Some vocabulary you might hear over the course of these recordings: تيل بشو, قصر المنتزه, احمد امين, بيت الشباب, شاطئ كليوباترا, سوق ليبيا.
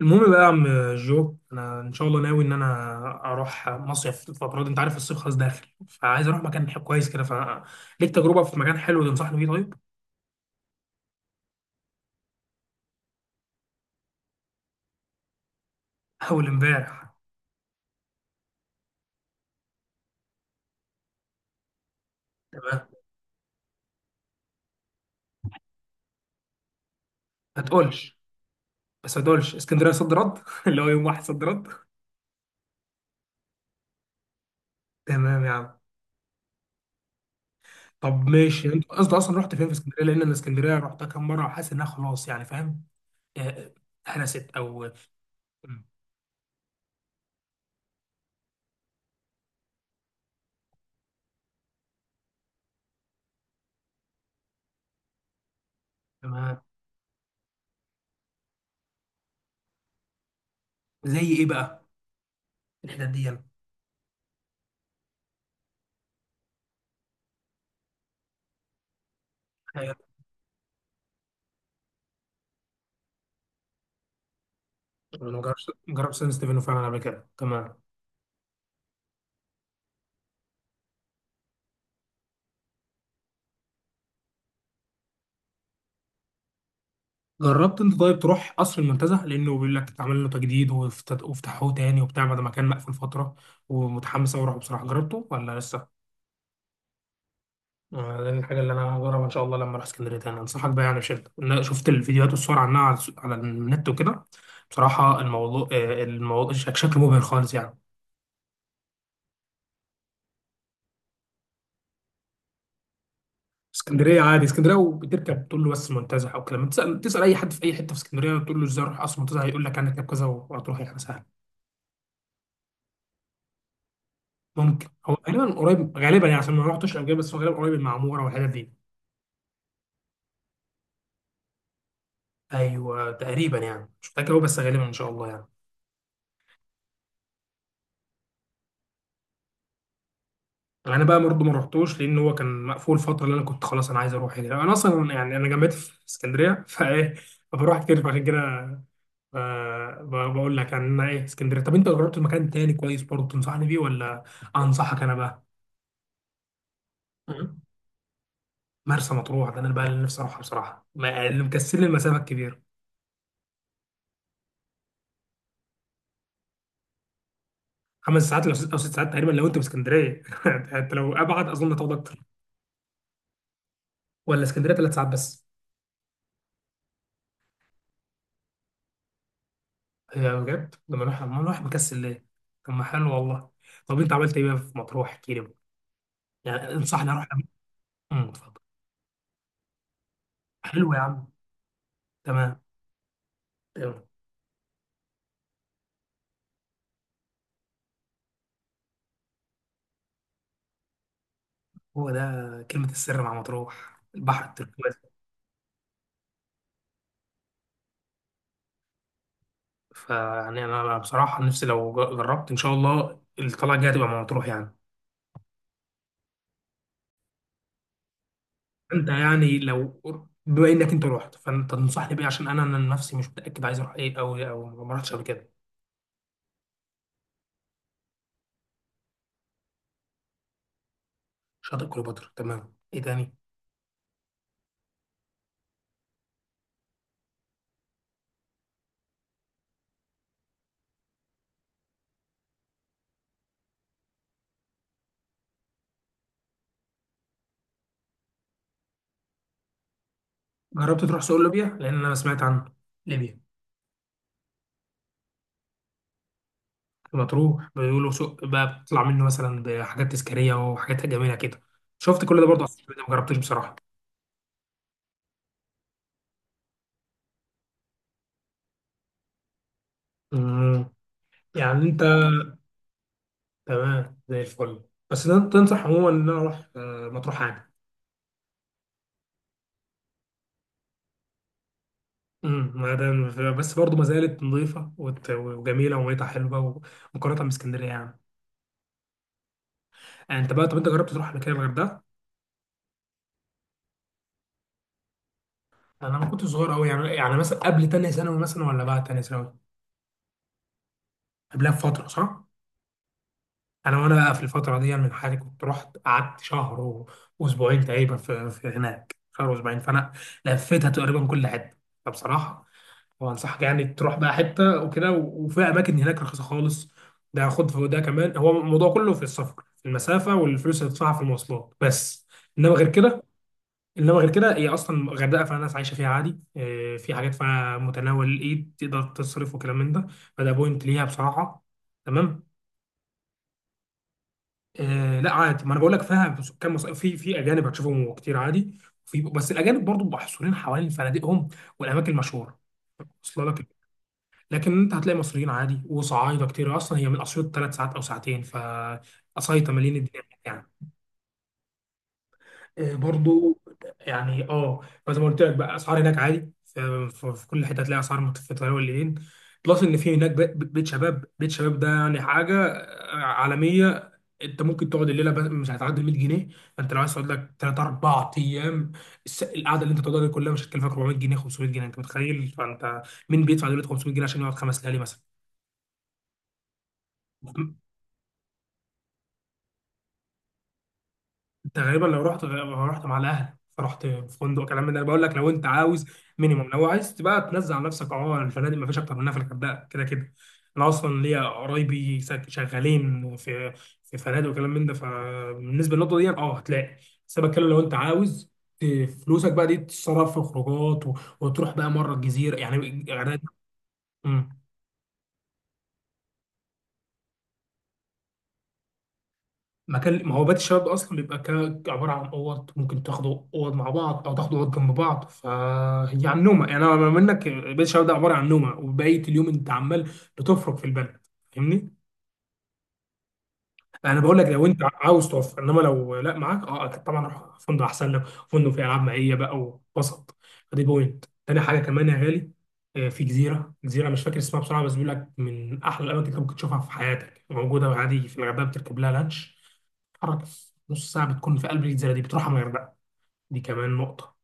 المهم بقى يا عم جو، انا ان شاء الله ناوي ان انا اروح مصيف الفتره دي. انت عارف الصيف خلاص داخل، فعايز اروح مكان كويس كده. ف ليك تجربه في مكان حلو تنصحني بيه؟ طيب، اول امبارح. تمام، ما تقولش، بس ما تقولش اسكندريه صد رد اللي هو يوم واحد صد رد. تمام يا عم. طب ماشي، انت قصدي اصلا رحت فين في اسكندريه؟ لان انا اسكندريه رحتها كام مره وحاسس انها خلاص، يعني فاهم. آه، هرست او مم. تمام. زي ايه بقى الحتت دي؟ انا ما جربتش سان ستيفانو فعلا قبل كده، تمام. جربت انت طيب تروح قصر المنتزه؟ لانه بيقول لك اتعمل له تجديد وفتحوه تاني وبتاع، بعد ما كان مقفول فتره. ومتحمس اوي اروحه بصراحه، جربته ولا لسه؟ آه، ده الحاجه اللي انا هجربها ان شاء الله لما اروح اسكندريه تاني. انصحك بقى يعني بشده، انا شفت الفيديوهات والصور عنها على على النت وكده. بصراحه الموضوع آه، الموضوع شكله مبهر خالص يعني. اسكندريه عادي، اسكندريه وبتركب تقول له بس المنتزه او كلام. تسال اي حد في اي حته في اسكندريه، تقول له ازاي اروح قصر المنتزه، هيقول لك هنركب كذا وهتروح، يعني سهل. ممكن هو غالبا قريب، غالبا يعني عشان ما رحتش قبل كده، بس هو غالبا قريب المعموره والحتت دي. ايوه تقريبا، يعني مش متاكد قوي بس غالبا ان شاء الله يعني. يعني انا بقى برضه ما رحتوش، لان هو كان مقفول فتره اللي انا كنت خلاص انا عايز اروح. هنا انا اصلا يعني انا جامعتي في اسكندريه فايه، فبروح كتير فعشان كده. آه، بقول لك يعني انا ايه اسكندريه. طب انت جربت مكان تاني كويس برضه تنصحني بيه ولا انصحك انا بقى؟ م- مرسى مطروح ده انا بقى اللي نفسي اروحها بصراحه، اللي مكسل لي المسافه الكبيره. خمس ساعات، لو او ست ساعات تقريبا لو انت في اسكندريه. انت لو ابعد اظن هتاخد اكتر، ولا اسكندريه ثلاث ساعات بس؟ هي بجد لما نروح مكسل ليه. طب ما حلو والله. طب انت عملت ايه بقى في مطروح، احكي لي بقى. يعني انصحني اروح امم، اتفضل. حلو يا عم. تمام، تمام، هو ده كلمه السر مع مطروح، البحر التركيزي. فيعني انا بصراحه نفسي لو جربت ان شاء الله الطلعه الجايه تبقى مع مطروح يعني. انت يعني لو، بما انك انت رحت، فانت تنصحني بايه؟ عشان انا نفسي مش متاكد عايز اروح ايه، او ما رحتش قبل كده. شاطئ كليوباترا، تمام، ايه تاني؟ جربت تروح سوق ليبيا؟ لان انا سمعت عن ليبيا لما تروح بيقولوا سوق بقى، بتطلع منه مثلا بحاجات تذكاريه وحاجات جميله كده. شفت كل ده برضه على السوشيال ميديا، ما جربتش بصراحه. امم، يعني انت تمام زي الفل. بس ده انت تنصح عموما ان انا اروح آه، مطروح عادي؟ امم، ما ده بس برضه ما زالت نظيفه وجميله وميتها حلوه، ومقارنه باسكندريه يعني. يعني انت بقى، طب انت جربت تروح قبل كده الغردقه؟ انا ما كنت صغير قوي يعني، يعني مثلا قبل تانية ثانوي مثلا ولا بعد تانية ثانوي؟ قبلها بفتره صح؟ انا وانا بقى في الفتره دي يعني من حالي كنت رحت قعدت شهر واسبوعين تقريبا في، هناك شهر واسبوعين، فانا لفيتها تقريبا كل حته. فبصراحه وانصحك يعني تروح بقى حته وكده، وفي اماكن هناك رخيصه خالص. ده خد في ده كمان، هو الموضوع كله في السفر، في المسافه والفلوس اللي تدفعها في المواصلات بس، انما غير كده. انما غير كده هي اصلا الغردقه فيها ناس عايشه فيها عادي، آه، في حاجات فيها متناول الايد تقدر تصرف وكلام من ده، فده بوينت ليها بصراحه. تمام. آه لا عادي، ما انا بقول لك فيها كم في، في اجانب هتشوفهم كتير عادي. في بس الاجانب برضو محصورين حوالين فنادقهم والاماكن المشهوره. وصل لك. لكن انت هتلاقي مصريين عادي وصعايده كتير، اصلا هي من اسيوط ثلاث ساعات او ساعتين، فقصايطه مليين الدنيا هناك يعني. آه، برضو، يعني اه فزي ما قلت لك بقى اسعار هناك عادي، في كل حته هتلاقي اسعار متفتحه والليلين. بلس ان في هناك بيت شباب. بيت شباب ده يعني حاجه آه، عالميه. انت ممكن تقعد الليله مش هتعدي 100 جنيه. فانت لو عايز تقعد لك 3 4 ايام، القعده اللي انت تقعدها دي كلها مش هتكلفك 400 جنيه، 500 جنيه، انت متخيل؟ فانت مين بيدفع دلوقتي 500 جنيه عشان يقعد خمس ليالي مثلا؟ انت غالبا لو رحت، لو رحت مع الاهل، فرحت في فندق كلام من ده. انا بقول لك لو انت عاوز مينيمم، لو عايز تبقى تنزل على نفسك اه، الفنادق ما فيش اكتر منها في الغردقه كده كده. انا اصلا ليا قرايبي شغالين في، في فنادق وكلام من ده، فبالنسبه للنقطه دي اه هتلاقي. بس انا بتكلم لو انت عاوز ت- فلوسك بقى دي تتصرف في خروجات وتروح بقى مره الجزيره يعني الغردقه. مكان، ما هو بيت الشباب ده اصلا بيبقى عباره عن اوض، ممكن تاخدوا اوض مع بعض او تاخدوا اوض جنب بعض، فهي عن نومه. يعني انا بما منك بيت الشباب ده عباره عن نومه، وبقيه اليوم انت عمال بتفرك في البلد، فاهمني. انا بقول لك لو انت عاوز توفر، انما لو لا معاك اه، اكيد طبعا روح فندق احسن لك، فندق فيه العاب مائيه بقى ووسط. فدي بوينت تاني حاجه كمان يا غالي، آه، في جزيره، جزيره مش فاكر اسمها بسرعه، بس بيقول لك من احلى الاماكن اللي ممكن تشوفها في حياتك موجوده عادي في الغردقه. بتركب لها لانش تتحرك في نص ساعه بتكون في قلب الجزيره دي، بتروحها من الغردقه. دي كمان نقطه.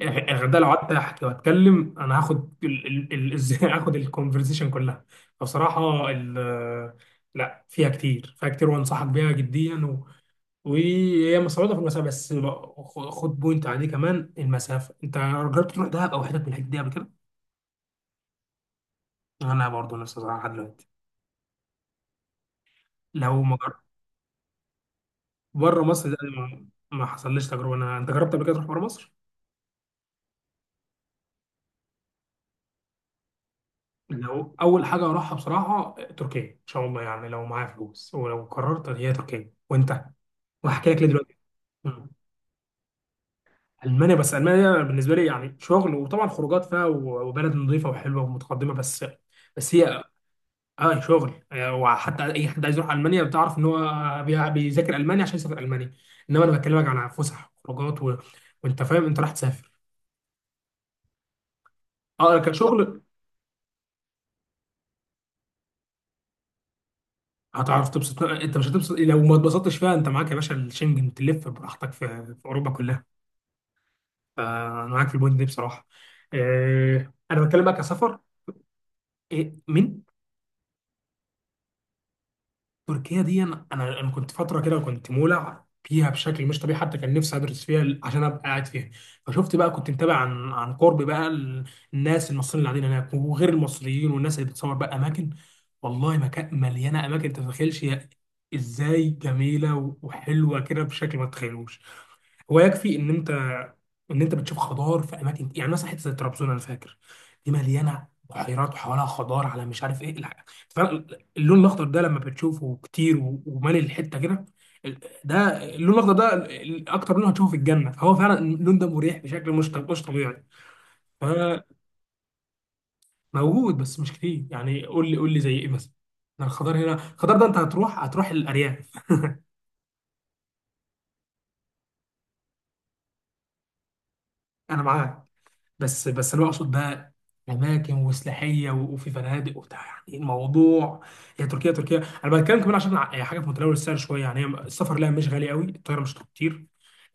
يعني ده لو قعدت احكي واتكلم انا هاخد ازاي هاخد الكونفرزيشن كلها. فبصراحه لا فيها كتير، فيها كتير وانصحك بيها جديا. و... وهي مستوردة في المسافه بس، خد بوينت عليه كمان المسافه، انت جربت تروح دهب او حتت من الحاجات دي قبل كده؟ انا برضه نفسي أروح لحد دلوقتي لو ما جربت. بره مصر ده ما حصلليش تجربه انا. انت جربت قبل كده تروح بره مصر؟ لو اول حاجه اروحها بصراحه تركيا ان شاء الله، يعني لو معايا فلوس، ولو قررت هي تركيا وانت، وهحكي لك ليه دلوقتي. مم. المانيا، بس المانيا بالنسبه لي يعني شغل، وطبعا خروجات فيها وبلد نظيفه وحلوه ومتقدمه، بس. بس هي اه شغل آه، وحتى اي حد عايز يروح المانيا بتعرف ان هو بيذاكر المانيا عشان يسافر المانيا. انما انا بكلمك عن فسح وخروجات، و... وانت فاهم انت راح تسافر اه كشغل. هتعرف تبسط، انت مش هتبسط؟ لو ما اتبسطتش فيها انت معاك يا باشا الشنجن، تلف براحتك في، في اوروبا كلها. فانا معاك في البوينت دي بصراحه. آه، انا بتكلم بقى كسفر. إيه؟ مين؟ تركيا دي انا كنت فتره كده كنت مولع فيها بشكل مش طبيعي، حتى كان نفسي ادرس فيها عشان ابقى قاعد فيها. فشفت بقى، كنت متابع عن قرب بقى الناس المصريين اللي قاعدين هناك وغير المصريين، والناس اللي بتصور بقى اماكن. والله مكان مليانه اماكن، انت ما تتخيلش هي ازاي جميله وحلوه كده بشكل ما تتخيلوش. هو يكفي ان انت بتشوف خضار في اماكن، يعني مثلا حته زي طرابزون انا فاكر دي مليانه بحيرات وحوالها خضار على مش عارف ايه فعلا. اللون الاخضر ده لما بتشوفه كتير ومالي الحته كده ال- ده. اللون الاخضر ده اكتر لون هتشوفه في الجنه، فهو فعلا اللون ده مريح بشكل مش طبيعي. فموجود، بس مش كتير. يعني قول لي، قول لي زي ايه مثلا؟ أنا الخضار هنا، الخضار ده انت هتروح، هتروح الارياف. انا معاك، بس انا اقصد بقى اماكن وسلاحيه وفي فنادق وبتاع، يعني إيه الموضوع؟ هي تركيا، تركيا انا بتكلم كمان عشان حاجه في متناول السعر شويه يعني. هي السفر لها مش غالي قوي، الطياره مش كتير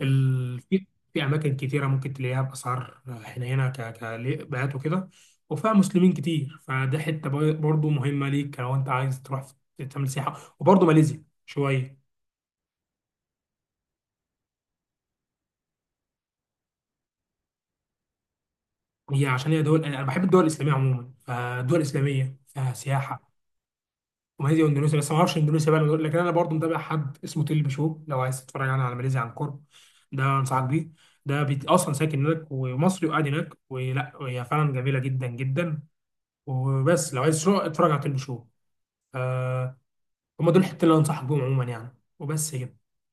في، في اماكن كتيره ممكن تلاقيها باسعار حنينه ك كبيات وكده. وفيها مسلمين كتير، فده حته برضه مهمه ليك لو انت عايز تروح تعمل سياحه. وبرضه ماليزيا شويه، هي عشان هي دول انا بحب الدول الاسلاميه عموما، فالدول الاسلاميه فيها سياحه. وماليزيا واندونيسيا، بس ما اعرفش اندونيسيا بقى، لكن انا برضو متابع حد اسمه تيل بشو لو عايز تتفرج يعني على ماليزيا عن قرب، ده انصحك بيه. ده بيت اصلا ساكن هناك ومصري وقاعد هناك، ولا هي فعلا جميله جدا جدا. وبس لو عايز شو اتفرج على تيل بشو. آه، هم دول الحتتين اللي انصحك بيهم عموما يعني، وبس كده.